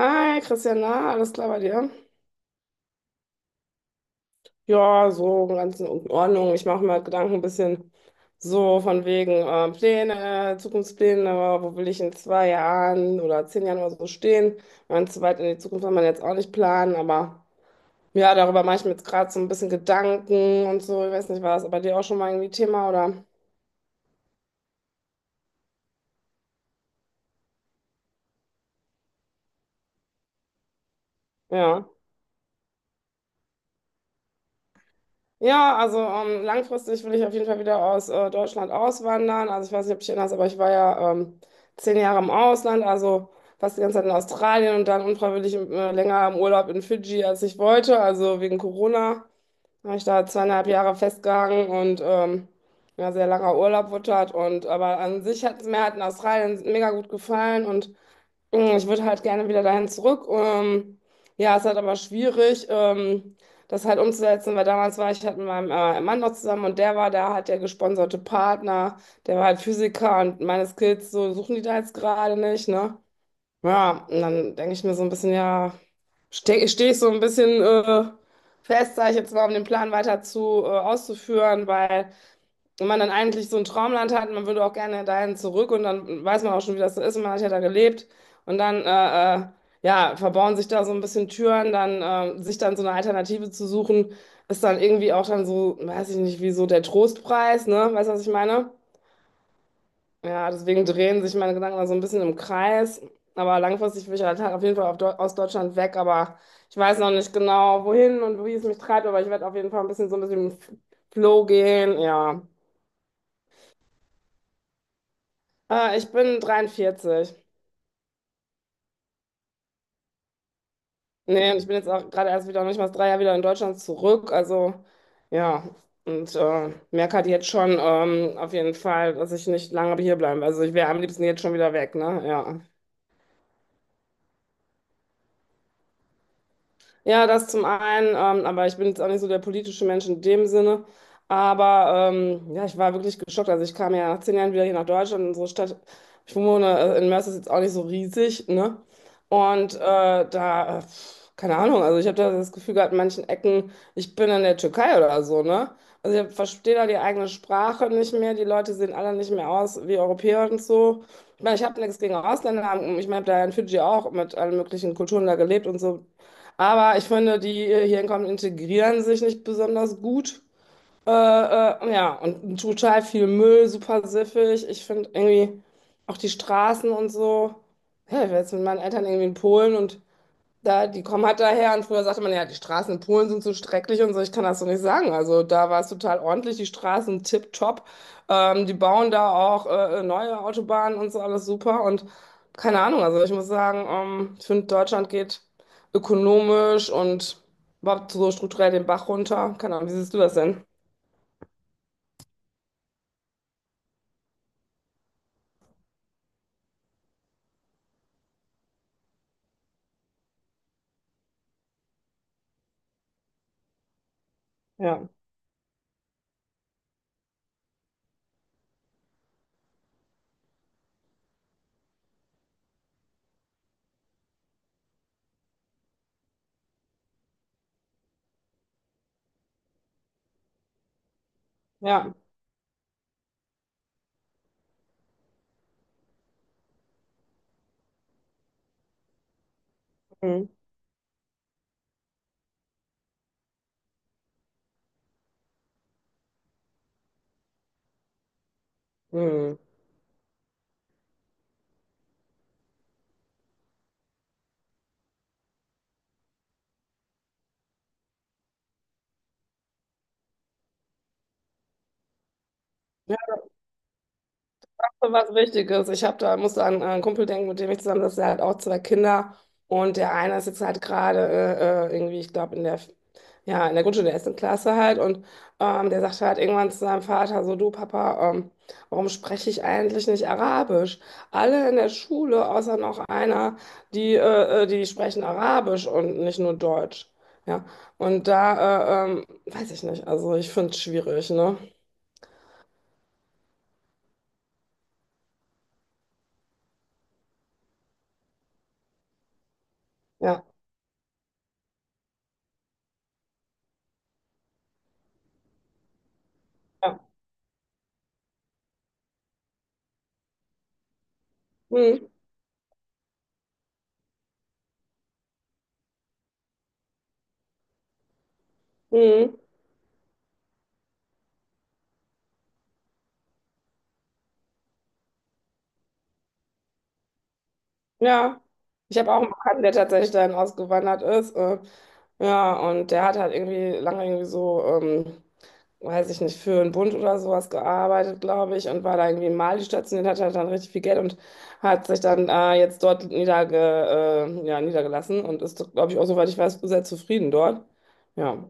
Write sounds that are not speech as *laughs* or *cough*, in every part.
Hi Christian, na, alles klar bei dir? Ja, so ganz in Ordnung. Ich mache mir halt Gedanken ein bisschen so von wegen Pläne, Zukunftspläne, wo will ich in zwei Jahren oder zehn Jahren oder so stehen? Ganz zu weit in die Zukunft kann man jetzt auch nicht planen, aber ja, darüber mache ich mir jetzt gerade so ein bisschen Gedanken und so. Ich weiß nicht, war das bei dir auch schon mal irgendwie Thema oder? Ja. Ja, also langfristig will ich auf jeden Fall wieder aus Deutschland auswandern. Also ich weiß nicht, ob du dich erinnerst, aber ich war ja zehn Jahre im Ausland, also fast die ganze Zeit in Australien und dann unfreiwillig länger im Urlaub in Fidschi, als ich wollte. Also wegen Corona habe ich da zweieinhalb Jahre festgehangen und ja, sehr langer Urlaub wurde das. Und aber an sich hat es mir halt in Australien mega gut gefallen und ich würde halt gerne wieder dahin zurück. Ja, ist halt aber schwierig, das halt umzusetzen, weil damals war ich halt mit meinem Mann noch zusammen und der war da, hat der gesponserte Partner, der war halt Physiker und meine Skills, so suchen die da jetzt gerade nicht, ne? Ja, und dann denke ich mir so ein bisschen, ja, steh ich so ein bisschen fest, sage ich jetzt mal, um den Plan weiter zu auszuführen, weil wenn man dann eigentlich so ein Traumland hat, man würde auch gerne dahin zurück und dann weiß man auch schon, wie das so ist und man hat ja da gelebt und dann ja, verbauen sich da so ein bisschen Türen, dann sich dann so eine Alternative zu suchen, ist dann irgendwie auch dann so, weiß ich nicht, wie so der Trostpreis, ne? Weißt du, was ich meine? Ja, deswegen drehen sich meine Gedanken da so ein bisschen im Kreis, aber langfristig will ich halt auf jeden Fall auf aus Deutschland weg, aber ich weiß noch nicht genau, wohin und wie es mich treibt, aber ich werde auf jeden Fall ein bisschen so ein bisschen im Flow gehen, ja. Ich bin 43. Nee, und ich bin jetzt auch gerade erst wieder, noch nicht mal drei Jahre wieder in Deutschland zurück. Also, ja. Und merke halt jetzt schon auf jeden Fall, dass ich nicht lange hier bleiben. Also, ich wäre am liebsten jetzt schon wieder weg, ne? Ja. Ja, das zum einen, aber ich bin jetzt auch nicht so der politische Mensch in dem Sinne. Aber ja, ich war wirklich geschockt. Also ich kam ja nach zehn Jahren wieder hier nach Deutschland, in unsere Stadt. Ich wohne in Mörs, ist jetzt auch nicht so riesig, ne? Und keine Ahnung, also ich habe da das Gefühl gehabt, in manchen Ecken, ich bin in der Türkei oder so, ne? Also ich verstehe da die eigene Sprache nicht mehr, die Leute sehen alle nicht mehr aus wie Europäer und so. Ich meine, ich habe nichts gegen Ausländer. Ich meine, ich habe da in Fidschi auch mit allen möglichen Kulturen da gelebt und so. Aber ich finde, die hier hinkommen, integrieren sich nicht besonders gut. Ja, und total viel Müll, super siffig. Ich finde irgendwie auch die Straßen und so. Ja, ich war jetzt mit meinen Eltern irgendwie in Polen und da, die kommen halt daher und früher sagte man ja, die Straßen in Polen sind so schrecklich und so, ich kann das so nicht sagen. Also da war es total ordentlich, die Straßen tipptopp. Die bauen da auch neue Autobahnen und so, alles super und keine Ahnung. Also ich muss sagen, ich finde, Deutschland geht ökonomisch und überhaupt so strukturell den Bach runter. Keine Ahnung, wie siehst du das denn? Ja, ja. Mhm. Mhm. Was Wichtiges. Ich hab da, musste an einen Kumpel denken, mit dem ich zusammen sitze. Der hat auch zwei Kinder. Und der eine ist jetzt halt gerade irgendwie, ich glaube, in der, ja, in der Grundschule, der ersten Klasse halt. Und der sagte halt irgendwann zu seinem Vater so, du Papa, warum spreche ich eigentlich nicht Arabisch? Alle in der Schule, außer noch einer, die, die sprechen Arabisch und nicht nur Deutsch. Ja. Und da, weiß ich nicht. Also ich finde es schwierig, ne? Ja. Ja. Hm. Hm. Ja, ich habe auch einen Bekannten, der tatsächlich dahin ausgewandert ist. Ja, und der hat halt irgendwie lange irgendwie so, weiß ich nicht, für einen Bund oder sowas gearbeitet, glaube ich, und war da irgendwie in Mali stationiert, hat halt dann richtig viel Geld und hat sich dann jetzt dort ja, niedergelassen und ist, glaube ich, auch, soweit ich weiß, sehr zufrieden dort. Ja.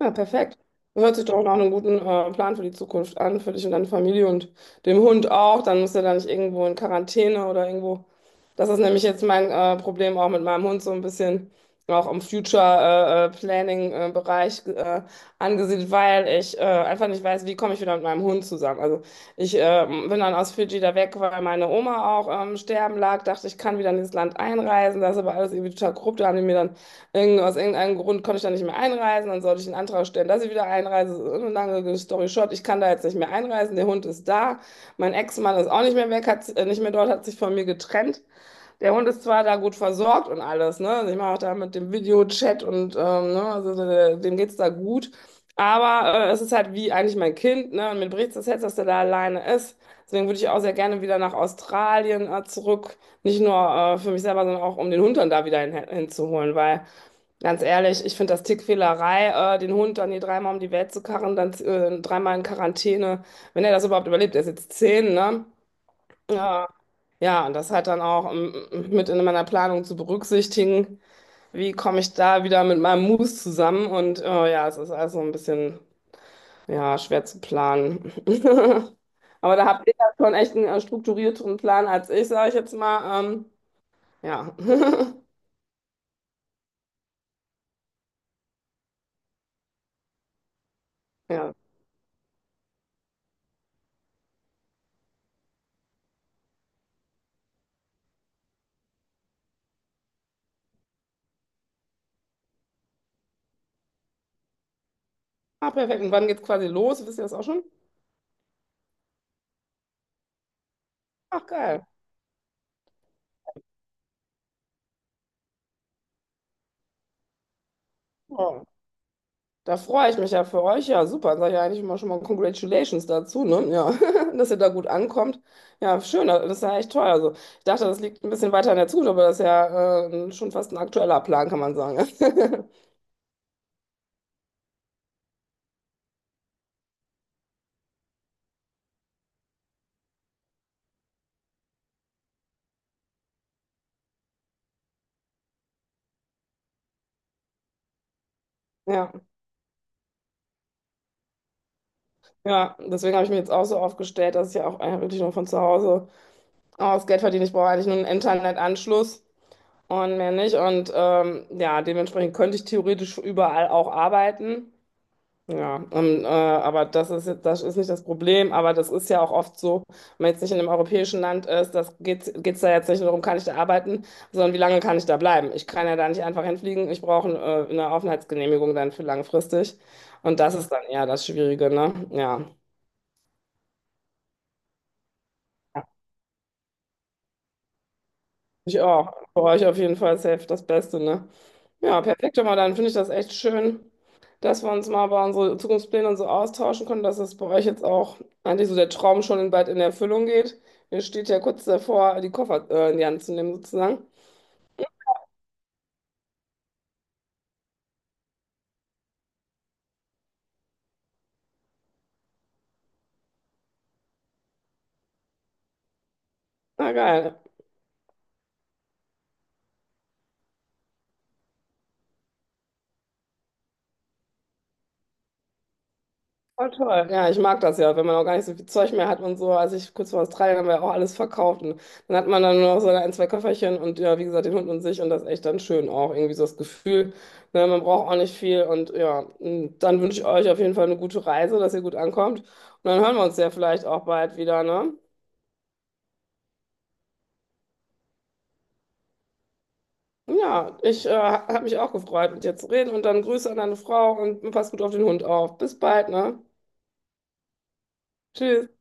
Ja, perfekt. Hört sich doch nach einem guten Plan für die Zukunft an, für dich und deine Familie und dem Hund auch. Dann muss er da nicht irgendwo in Quarantäne oder irgendwo. Das ist nämlich jetzt mein Problem auch mit meinem Hund so ein bisschen auch im Future Planning Bereich angesiedelt, weil ich einfach nicht weiß, wie komme ich wieder mit meinem Hund zusammen. Also ich bin dann aus Fidschi da weg, weil meine Oma auch sterben lag, dachte, ich kann wieder in dieses Land einreisen. Das ist aber alles irgendwie total korrupt. Da haben die mir dann aus irgendeinem Grund konnte ich da nicht mehr einreisen, dann sollte ich einen Antrag stellen, dass ich wieder einreise. So eine lange story short, ich kann da jetzt nicht mehr einreisen, der Hund ist da, mein Ex-Mann ist auch nicht mehr weg, hat, nicht mehr dort, hat sich von mir getrennt. Der Hund ist zwar da gut versorgt und alles, ne? Also ich mache auch da mit dem Videochat und ne? Also dem geht's da gut. Aber es ist halt wie eigentlich mein Kind, ne? Und mir bricht das Herz, dass der da alleine ist. Deswegen würde ich auch sehr gerne wieder nach Australien zurück. Nicht nur für mich selber, sondern auch um den Hund dann da wieder hinzuholen, weil. Ganz ehrlich, ich finde das Tickfehlerei, den Hund dann hier dreimal um die Welt zu karren, dann dreimal in Quarantäne, wenn er das überhaupt überlebt, er ist jetzt zehn, ne? Ja, ja, und das halt dann auch mit in meiner Planung zu berücksichtigen, wie komme ich da wieder mit meinem Moose zusammen und ja, es ist also ein bisschen, ja, schwer zu planen. *laughs* Aber da habt ihr ja schon echt einen strukturierteren Plan als ich, sage ich jetzt mal. Ja. *laughs* Ja. Ah, perfekt. Und wann geht's quasi los? Wisst ihr das auch schon? Ach, geil. Oh. Da freue ich mich ja für euch. Ja, super. Dann sage ich ja eigentlich immer schon mal Congratulations dazu, ne? Ja, *laughs* dass ihr da gut ankommt. Ja, schön. Das ist ja echt toll. Also, ich dachte, das liegt ein bisschen weiter in der Zukunft, aber das ist ja schon fast ein aktueller Plan, kann man sagen. *laughs* Ja, ja. Deswegen habe ich mir jetzt auch so aufgestellt, dass ich ja auch eigentlich wirklich nur von zu Hause aus Geld verdiene. Ich brauche eigentlich nur einen Internetanschluss und mehr nicht. Und ja, dementsprechend könnte ich theoretisch überall auch arbeiten. Ja, aber das ist jetzt, das ist nicht das Problem, aber das ist ja auch oft so, wenn man jetzt nicht in einem europäischen Land ist, das geht's da jetzt nicht nur darum, kann ich da arbeiten, sondern wie lange kann ich da bleiben? Ich kann ja da nicht einfach hinfliegen, ich brauche eine Aufenthaltsgenehmigung dann für langfristig. Und das ist dann eher das Schwierige, ne? Ja. Ich auch. Für euch auf jeden Fall safe das Beste, ne? Ja, perfekt. Aber dann finde ich das echt schön, dass wir uns mal über unsere Zukunftspläne und so austauschen können, dass das bei euch jetzt auch eigentlich so der Traum schon bald in Erfüllung geht. Ihr steht ja kurz davor, die Koffer in die Hand zu nehmen, sozusagen. Na geil. Voll toll. Ja, ich mag das ja, wenn man auch gar nicht so viel Zeug mehr hat und so. Als ich kurz vor Australien haben wir auch alles verkauft und dann hat man dann nur noch so ein, zwei Köfferchen und ja, wie gesagt, den Hund und sich und das ist echt dann schön auch. Irgendwie so das Gefühl, ne, man braucht auch nicht viel und ja, und dann wünsche ich euch auf jeden Fall eine gute Reise, dass ihr gut ankommt und dann hören wir uns ja vielleicht auch bald wieder, ne? Ja, ich habe mich auch gefreut, mit dir zu reden und dann Grüße an deine Frau und pass gut auf den Hund auf. Bis bald, ne? Tschüss.